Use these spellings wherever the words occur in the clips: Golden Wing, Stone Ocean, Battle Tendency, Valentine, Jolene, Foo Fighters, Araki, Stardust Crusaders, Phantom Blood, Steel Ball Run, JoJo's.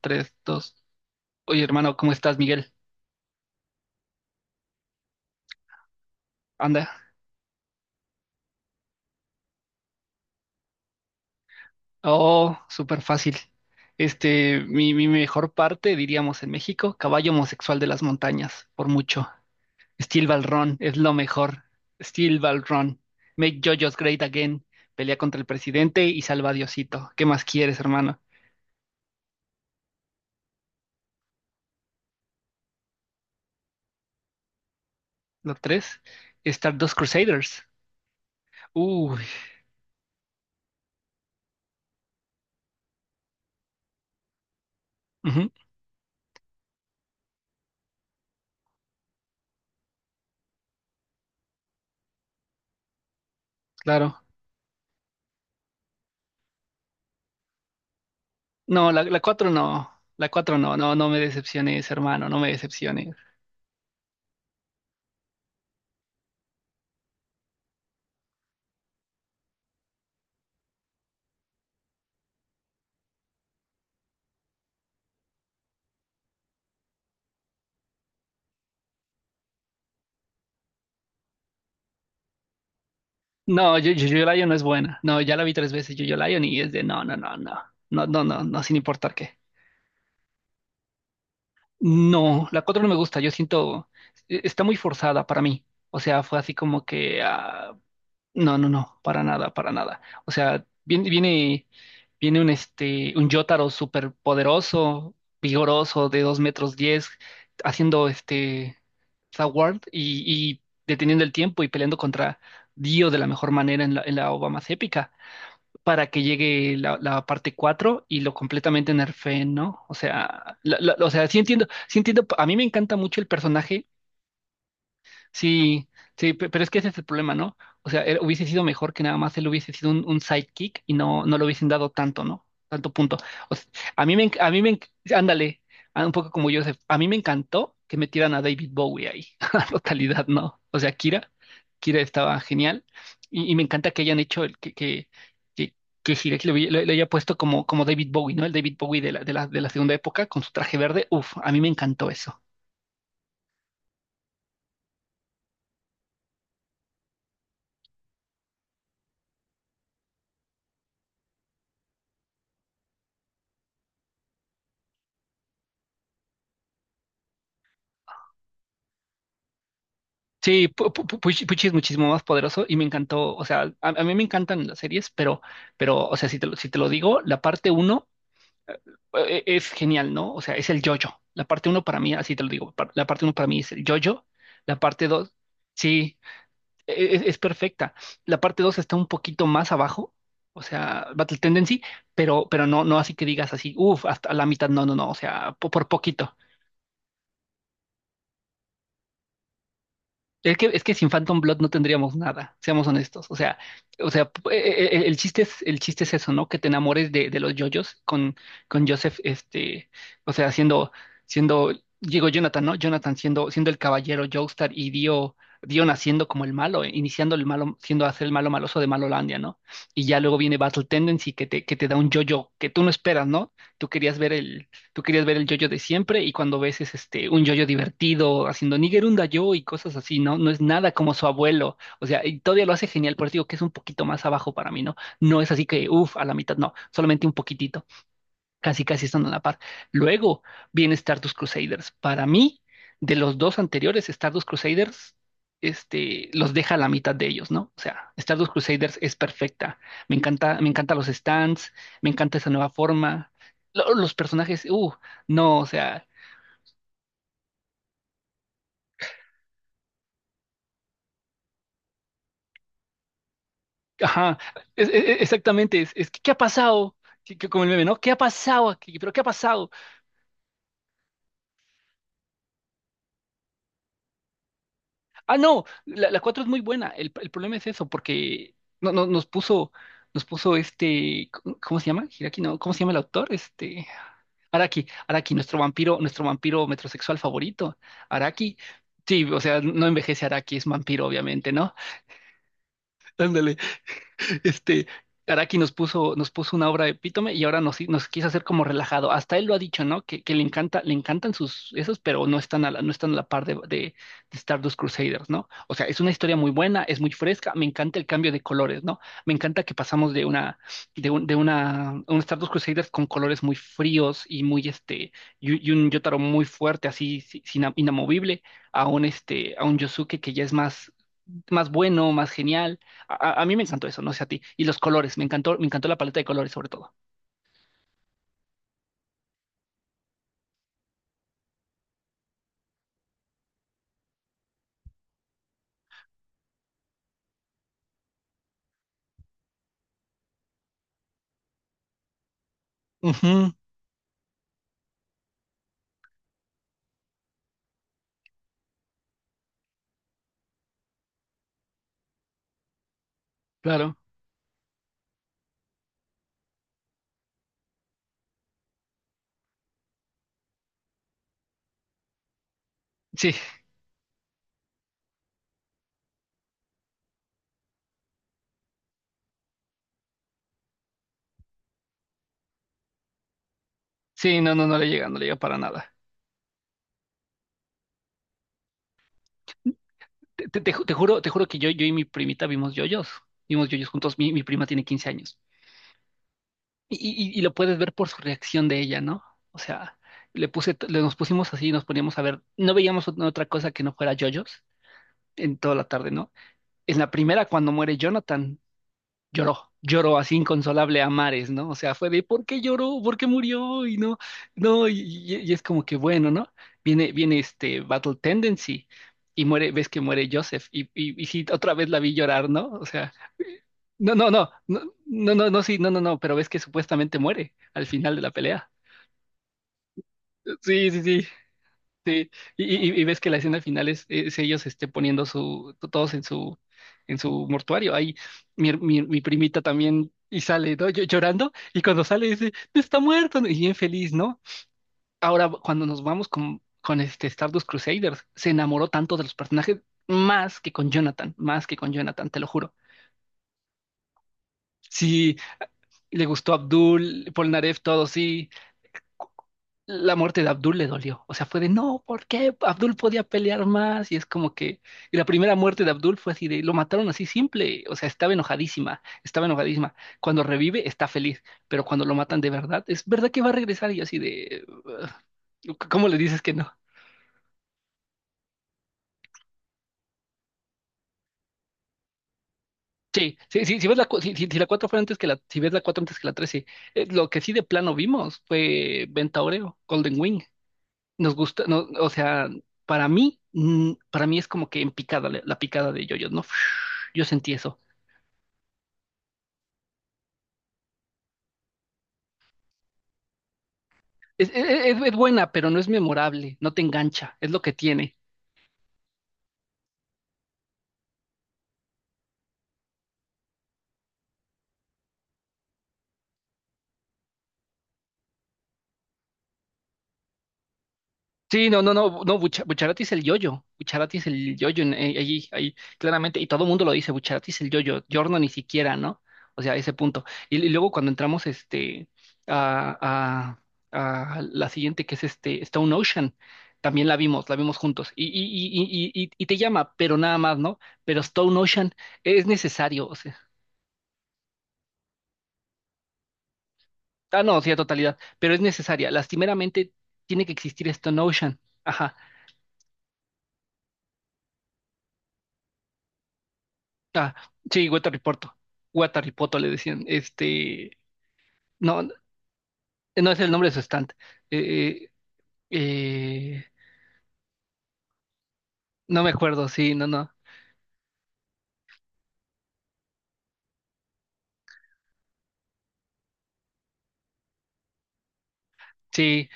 Tres dos. Oye, hermano, ¿cómo estás, Miguel? Anda. Oh, súper fácil. Mi mejor parte, diríamos en México, caballo homosexual de las montañas, por mucho. Steel Ball Run es lo mejor. Steel Ball Run. Make JoJo's great again. Pelea contra el presidente y salva a Diosito. ¿Qué más quieres, hermano? Lo tres, Stardust Crusaders. Uy, ujú, claro. No, la 4 no. La 4 no, no, no me decepciones, hermano, no me decepciones. No, yo Lion no es buena. No, ya la vi tres veces, yo Lion y es de no, no, no, no. No, no, no, no, sin importar qué. No, la 4 no me gusta, yo siento, está muy forzada para mí. O sea, fue así como que ah. No, no, no, para nada, para nada. O sea, viene un Jotaro súper poderoso, vigoroso, de dos metros diez, haciendo Sword y deteniendo el tiempo y peleando contra Dio de la mejor manera en la ova más épica, para que llegue la parte 4 y lo completamente nerfeen, ¿no? O sea, o sea, sí entiendo, a mí me encanta mucho el personaje. Sí, sí, pero es que ese es el problema, ¿no? O sea, hubiese sido mejor que nada más él hubiese sido un sidekick y no, no le hubiesen dado tanto, ¿no? Tanto punto. O sea, a mí me, enc- a mí me, enc- ándale, ah, un poco como Joseph, a mí me encantó que metieran a David Bowie ahí, a totalidad, ¿no? O sea, Kira estaba genial y me encanta que hayan hecho el que, que, que, que Hiroki le haya puesto como David Bowie, ¿no? El David Bowie de la segunda época con su traje verde, uf, a mí me encantó eso. Sí, Puch es muchísimo más poderoso y me encantó, o sea, a mí me encantan las series, pero, o sea, si te lo digo, la parte uno es genial, ¿no? O sea, es el yo-yo. La parte uno para mí, así te lo digo, la parte uno para mí es el yo-yo, la parte dos, sí, es perfecta. La parte dos está un poquito más abajo, o sea, Battle Tendency, pero no, no así que digas así, uff, hasta la mitad, no, no, no, o sea, por poquito. Es que sin Phantom Blood no tendríamos nada, seamos honestos. O sea, el chiste es eso, ¿no? Que te enamores de los yoyos con Joseph, o sea, siendo, digo Jonathan, ¿no? Jonathan siendo el caballero Joestar y Dio, Dio naciendo como el malo, iniciando el malo, siendo hacer el malo maloso de Malolandia, ¿no? Y ya luego viene Battle Tendency que te da un yoyo que tú no esperas, ¿no? Tú querías ver el yoyo de siempre y cuando ves es este un yoyo divertido haciendo Nigerunda yo y cosas así, ¿no? No es nada como su abuelo, o sea, y todavía lo hace genial, por eso digo que es un poquito más abajo para mí, ¿no? No es así que, uff, a la mitad, no, solamente un poquitito casi casi están a la par. Luego viene Stardust Crusaders. Para mí, de los dos anteriores, Stardust Crusaders, los deja a la mitad de ellos, ¿no? O sea, Stardust Crusaders es perfecta. Me encanta, me encantan los stands, me encanta esa nueva forma. Los personajes, no, o sea, ajá, exactamente, es que ¿qué ha pasado? Que como el meme, ¿no? ¿Qué ha pasado aquí? ¿Pero qué ha pasado? Ah, no, la 4 es muy buena. El problema es eso, porque no, no, nos puso ¿cómo se llama? Hiraki, no, ¿cómo se llama el autor? Araki, Araki, nuestro vampiro metrosexual favorito. Araki, sí, o sea, no envejece Araki, es vampiro, obviamente, ¿no? Ándale, este, Araki nos puso una obra epítome y ahora nos, nos quiso hacer como relajado. Hasta él lo ha dicho, ¿no? Que le encanta, le encantan sus esos, pero no están a la, par de Stardust Crusaders, ¿no? O sea, es una historia muy buena, es muy fresca, me encanta el cambio de colores, ¿no? Me encanta que pasamos de una, de un Stardust Crusaders con colores muy fríos y muy y un Yotaro muy fuerte, así, inamovible, a un Yosuke que ya es más, más bueno, más genial a mí me encantó eso, no sé a ti. Y los colores, me encantó la paleta de colores sobre todo. Ujú, claro. Sí, sí, no, no, no le llega para nada. Te juro que yo y mi primita vimos yoyos. Vimos yoyos juntos. Mi prima tiene 15 años. Y lo puedes ver por su reacción de ella, ¿no? O sea, le puse, t- le nos pusimos así, nos poníamos a ver. No veíamos otra cosa que no fuera yoyos en toda la tarde, ¿no? En la primera, cuando muere Jonathan. lloró, lloró así inconsolable a mares, ¿no? O sea, fue de ¿por qué lloró? ¿Por qué murió? Y no, no, y es como que bueno, ¿no? Viene este Battle Tendency y muere, ves que muere Joseph y, y sí, otra vez la vi llorar, ¿no? O sea, no, no, no, no, no, no, no, sí, no, no, no, pero ves que supuestamente muere al final de la pelea. Sí, sí, sí. Sí, y ves que la escena final es ellos poniendo todos en su mortuario. Ahí mi primita también y sale, ¿no? Llorando, y cuando sale dice, "No está muerto, ¿no? Y bien feliz, ¿no? Ahora, cuando nos vamos con este Stardust Crusaders, se enamoró tanto de los personajes, más que con Jonathan, más que con Jonathan, te lo juro. Sí, le gustó Abdul, Polnareff, todo, sí. La muerte de Abdul le dolió. O sea, fue de no, ¿por qué? Abdul podía pelear más. Y es como que. Y la primera muerte de Abdul fue así de lo mataron así simple. O sea, estaba enojadísima. Estaba enojadísima. Cuando revive, está feliz. Pero cuando lo matan de verdad, es verdad que va a regresar. Y yo así de. "Ugh, ¿cómo le dices que no?" Sí, sí, sí, si ves la, si la 4 fue antes que la, si ves la 4 antes que la 3 sí. Lo que sí de plano vimos fue Ventaoreo, Golden Wing. Nos gusta, no, o sea, para mí es como que en picada, la picada de yoyos, ¿no? Yo sentí eso. Es buena, pero no es memorable, no te engancha, es lo que tiene. Sí, no, no, no, no, Bucharati es el yoyo, Bucharati es el yoyo allí, ahí, claramente, y todo el mundo lo dice, Bucharati es el yoyo, Yorno ni siquiera, ¿no? O sea, ese punto. Y luego cuando entramos a, a la siguiente, que es este Stone Ocean, también la vimos juntos, y te llama, pero nada más, ¿no? Pero Stone Ocean es necesario, o sea, no, sí, a totalidad, pero es necesaria, lastimeramente tiene que existir Stone Ocean, ajá. Ah, sí, Guatariporto. Guataripoto le decían. No, no es el nombre de su stand. Eh, eh, eh, no me acuerdo, sí, no, no. Sí,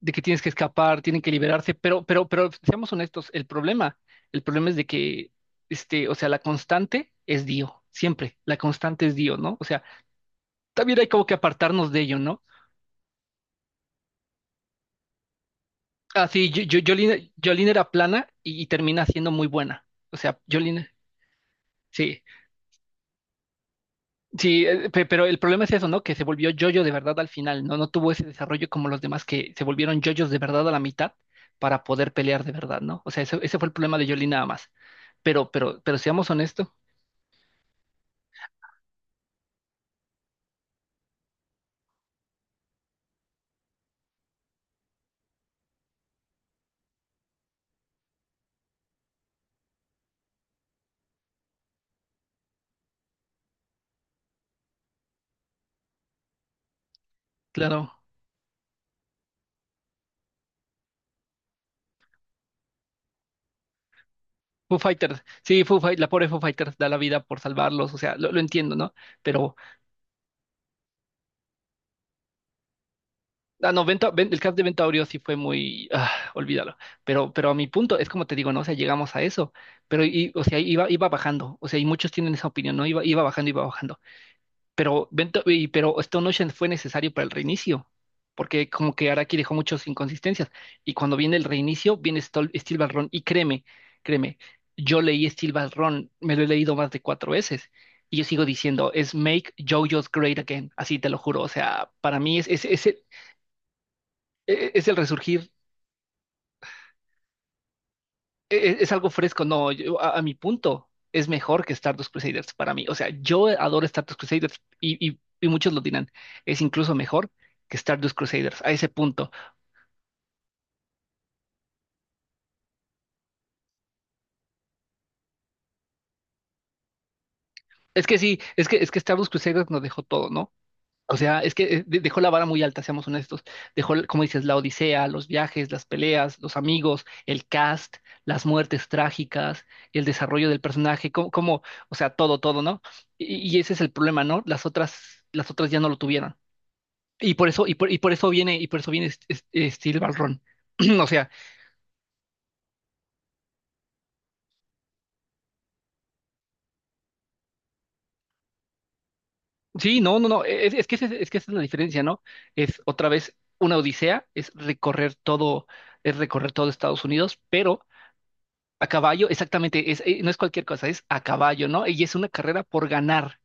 de que tienes que escapar, tienen que liberarse, pero, pero seamos honestos, el problema, es de que, o sea, la constante es Dio, siempre, la constante es Dio, ¿no? O sea, también hay como que apartarnos de ello, ¿no? Ah, sí, Jolene era plana y termina siendo muy buena. O sea, Jolene, sí. Sí, pero el problema es eso, ¿no? Que se volvió yoyo de verdad al final, ¿no? No tuvo ese desarrollo como los demás que se volvieron yoyos de verdad a la mitad para poder pelear de verdad, ¿no? O sea, ese fue el problema de Yoli nada más. Pero seamos honestos, claro. Foo Fighters, sí, la pobre Foo Fighters da la vida por salvarlos, o sea, lo entiendo, ¿no? Pero, no, el caso de Ventaurio sí fue muy, olvídalo. Pero a mi punto, es como te digo, ¿no? O sea, llegamos a eso, pero, iba bajando, o sea, y muchos tienen esa opinión, ¿no? Iba bajando, iba bajando. Pero, Stone Ocean fue necesario para el reinicio, porque como que Araki dejó muchas inconsistencias. Y cuando viene el reinicio, viene Steel Ball Run. Y créeme, créeme, yo leí Steel Ball Run, me lo he leído más de cuatro veces. Y yo sigo diciendo, es Make JoJo's Great Again. Así te lo juro. O sea, para mí es el resurgir, e- e-, es, algo fresco, no, a mi punto es mejor que Stardust Crusaders para mí. O sea, yo adoro Stardust Crusaders y muchos lo dirán, es incluso mejor que Stardust Crusaders a ese punto. Es que sí, es que Stardust Crusaders nos dejó todo, ¿no? O sea, es que dejó la vara muy alta, seamos honestos. Dejó, como dices, la odisea, los viajes, las peleas, los amigos, el cast, las muertes trágicas, el desarrollo del personaje, o sea, todo, todo, ¿no? Y ese es el problema, ¿no? Las otras ya no lo tuvieron. Y por eso viene, Y por eso viene Steel Balrón. O sea, sí, no, no, no. Es que esa es la diferencia, ¿no? Es otra vez una odisea, es recorrer todo Estados Unidos, pero a caballo, exactamente, es, no es cualquier cosa, es a caballo, ¿no? Y es una carrera por ganar.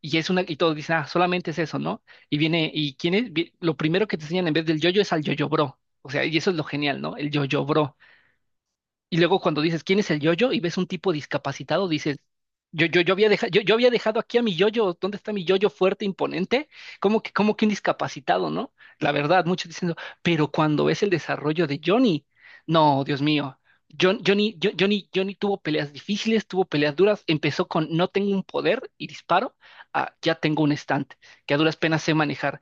Y es una, y todos dicen, ah, solamente es eso, ¿no? Y viene, y quién es, lo primero que te enseñan en vez del yoyo es al yoyo bro. O sea, y eso es lo genial, ¿no? El yoyo bro. Y luego cuando dices, ¿quién es el yoyo? Y ves un tipo discapacitado, dices, yo había dejado, yo había dejado aquí a mi yoyo, ¿dónde está mi yoyo fuerte, imponente? ¿Cómo que un discapacitado, ¿no? La verdad, muchos diciendo, pero cuando ves el desarrollo de Johnny, no, Dios mío. Johnny tuvo peleas difíciles, tuvo peleas duras, empezó con no tengo un poder y disparo, a ya tengo un estante, que a duras penas sé manejar.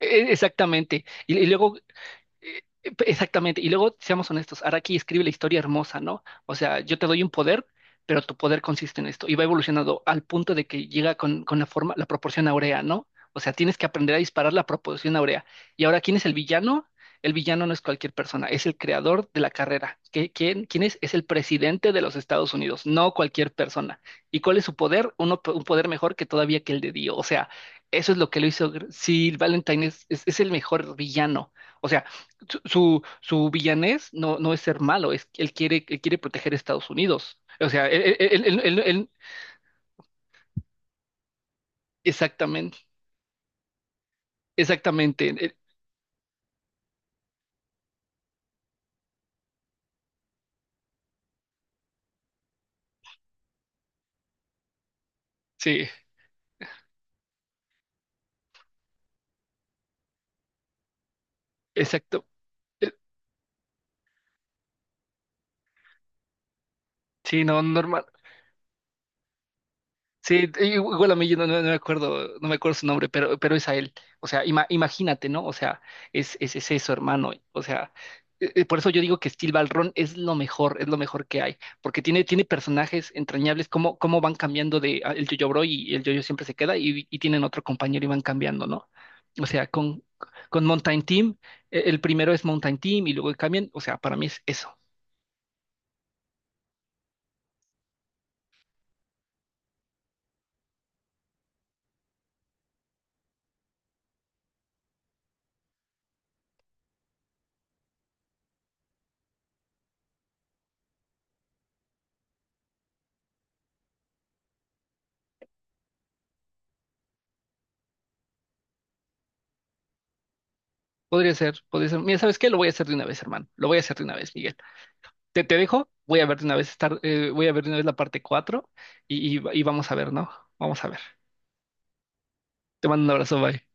Exactamente. Y luego. Eh, Exactamente. Y luego, seamos honestos, Araki escribe la historia hermosa, ¿no? O sea, yo te doy un poder, pero tu poder consiste en esto. Y va evolucionando al punto de que llega con la forma, la proporción áurea, ¿no? O sea, tienes que aprender a disparar la proporción áurea. Y ahora, ¿quién es el villano? El villano no es cualquier persona, es el creador de la carrera. ¿ quién es? Es el presidente de los Estados Unidos, no cualquier persona. ¿Y cuál es su poder? Uno, un poder mejor que todavía que el de Dio. O sea, eso es lo que lo hizo. Sí, Valentine es el mejor villano. O sea, su villanés no es ser malo, es que él quiere proteger a Estados Unidos. O sea, exactamente, exactamente. Sí, exacto. Eh, Sí, no, normal. Sí, igual a mí yo no me acuerdo, no me acuerdo su nombre, pero es a él. O sea, imagínate, ¿no? O sea, es eso, hermano. O sea, por eso yo digo que Steel Ballroom es lo mejor que hay, porque tiene personajes entrañables, cómo van cambiando de ah, el Yo-Yo Bro y el Yo-Yo siempre se queda y tienen otro compañero y van cambiando, ¿no? O sea, con Mountain Team, el primero es Mountain Team y luego cambian. O sea, para mí es eso. Podría ser, podría ser. Mira, ¿sabes qué? Lo voy a hacer de una vez, hermano. Lo voy a hacer de una vez, Miguel. Te dejo, voy a ver de una vez voy a ver de una vez la parte 4 y vamos a ver, ¿no? Vamos a ver. Te mando un abrazo, bye.